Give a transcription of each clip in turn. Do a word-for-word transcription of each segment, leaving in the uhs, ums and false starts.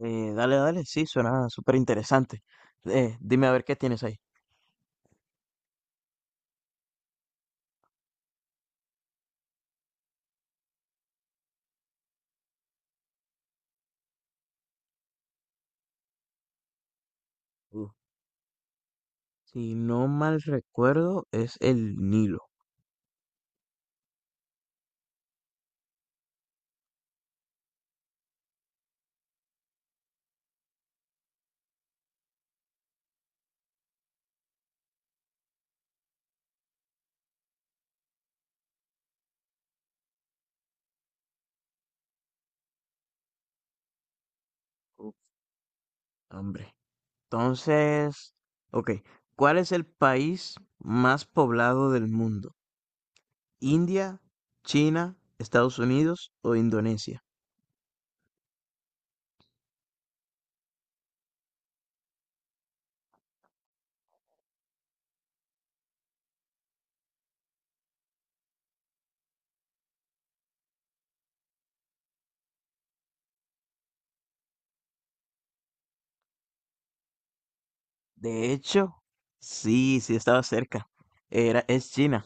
Eh, dale, dale, sí, suena súper interesante. Eh, dime a ver qué tienes ahí. Uh, si no mal recuerdo, es el Nilo. Uh, Hombre. Entonces, ok, ¿cuál es el país más poblado del mundo? ¿India, China, Estados Unidos o Indonesia? De hecho, sí, sí estaba cerca. Era, es China.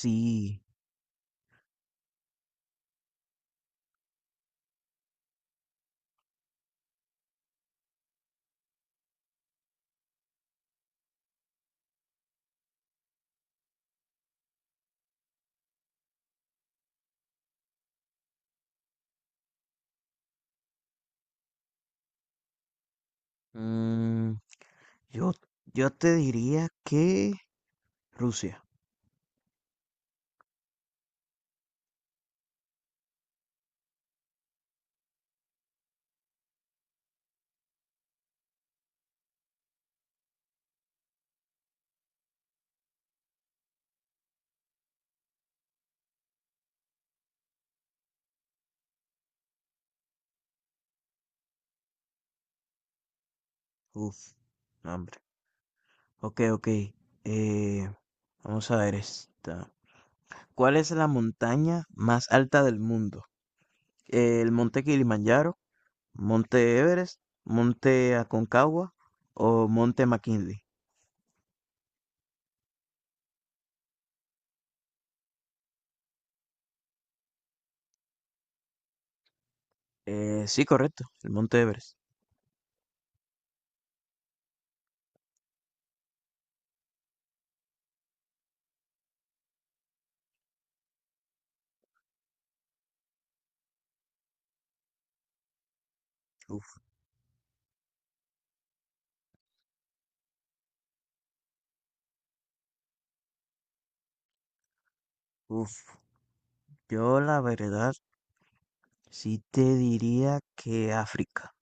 Sí. Mm, Yo, yo te diría que Rusia. Uf, no, hombre. Ok, ok. Eh, Vamos a ver esta. ¿Cuál es la montaña más alta del mundo? ¿El monte Kilimanjaro, monte Everest, monte Aconcagua o monte McKinley? Eh, sí, correcto, el monte Everest. Uf, uf. Yo la verdad sí te diría que África.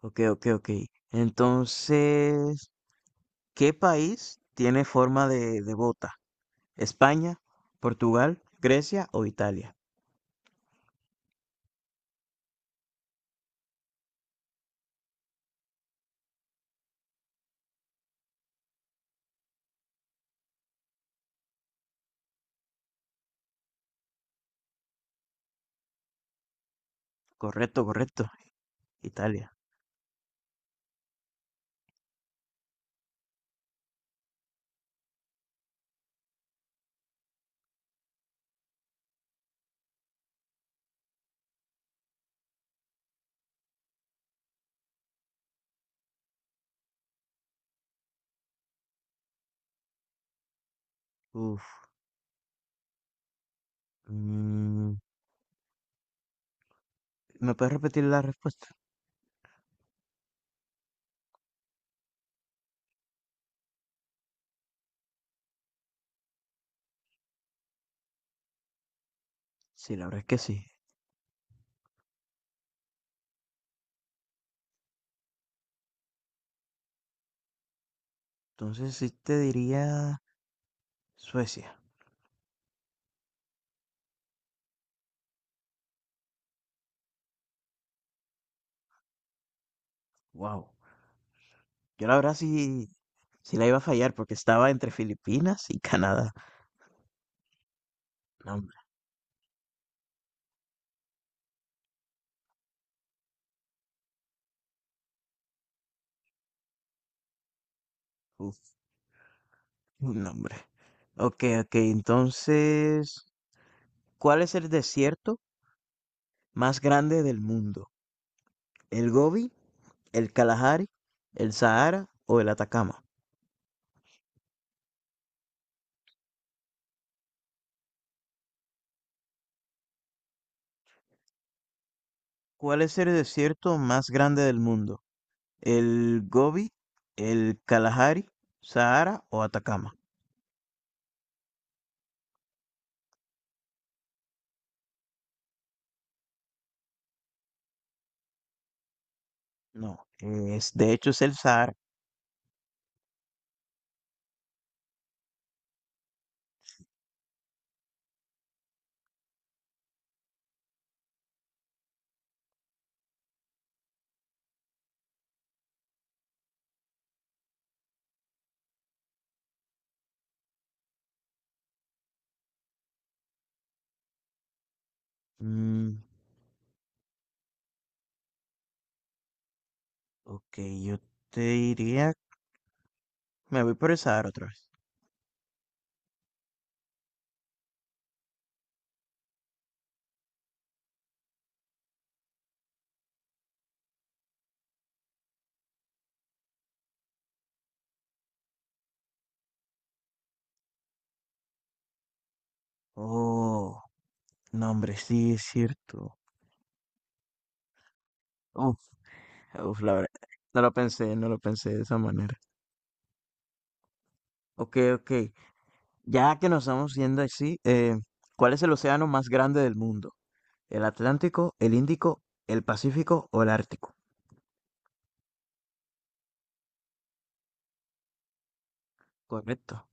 Ok, ok, ok. Entonces... ¿Qué país tiene forma de, de bota? ¿España, Portugal, Grecia o Italia? Correcto, correcto. Italia. Uf. mm, ¿Me puedes repetir la respuesta? Sí, la verdad es que sí. Entonces sí te diría Suecia. Wow. Yo la verdad sí, sí la iba a fallar porque estaba entre Filipinas y Canadá. No, hombre. Uf, no, hombre. Ok, ok. Entonces, ¿cuál es el desierto más grande del mundo? ¿El Gobi, el Kalahari, el Sahara o el Atacama? ¿Cuál es el desierto más grande del mundo? ¿El Gobi, el Kalahari, Sahara o Atacama? No, Es, de hecho es el Sahara. Mm, ok, yo te diría, me voy por el Sahara otra vez. Oh, no, hombre, sí es cierto. Uf, uf, la verdad, no lo pensé, no lo pensé de esa manera. Ok, ok, ya que nos estamos viendo así, eh, ¿cuál es el océano más grande del mundo? El Atlántico, el Índico, el Pacífico o el Ártico. Correcto.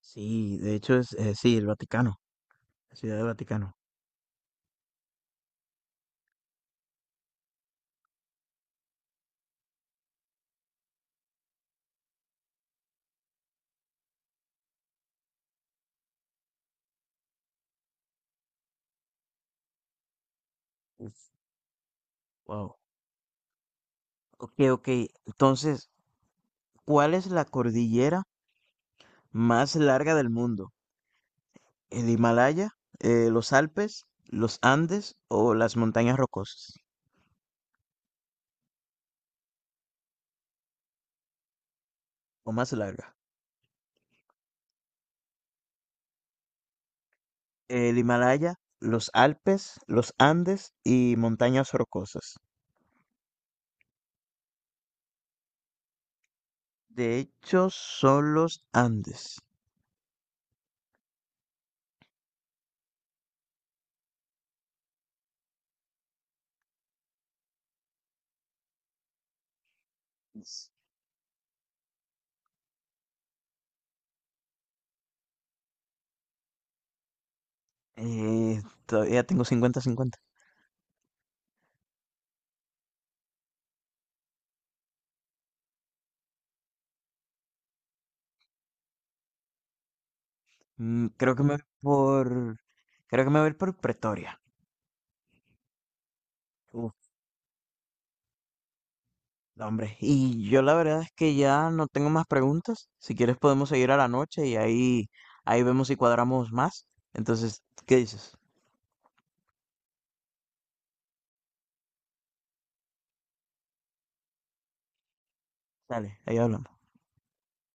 Sí, de hecho es, eh, sí, el Vaticano, la Ciudad del Vaticano. Uf, wow. Ok, ok. Entonces, ¿cuál es la cordillera más larga del mundo? ¿El Himalaya, eh, los Alpes, los Andes o las montañas rocosas? ¿O más larga? El Himalaya, los Alpes, los Andes y montañas rocosas. De hecho, son los Andes. S- eh, Todavía tengo cincuenta cincuenta. Mm, Creo que me voy por. Creo que me voy a ir por Pretoria. Uf, no, hombre. Y yo la verdad es que ya no tengo más preguntas. Si quieres podemos seguir a la noche y ahí, ahí vemos si cuadramos más. Entonces, ¿qué dices? Dale, ahí hablamos.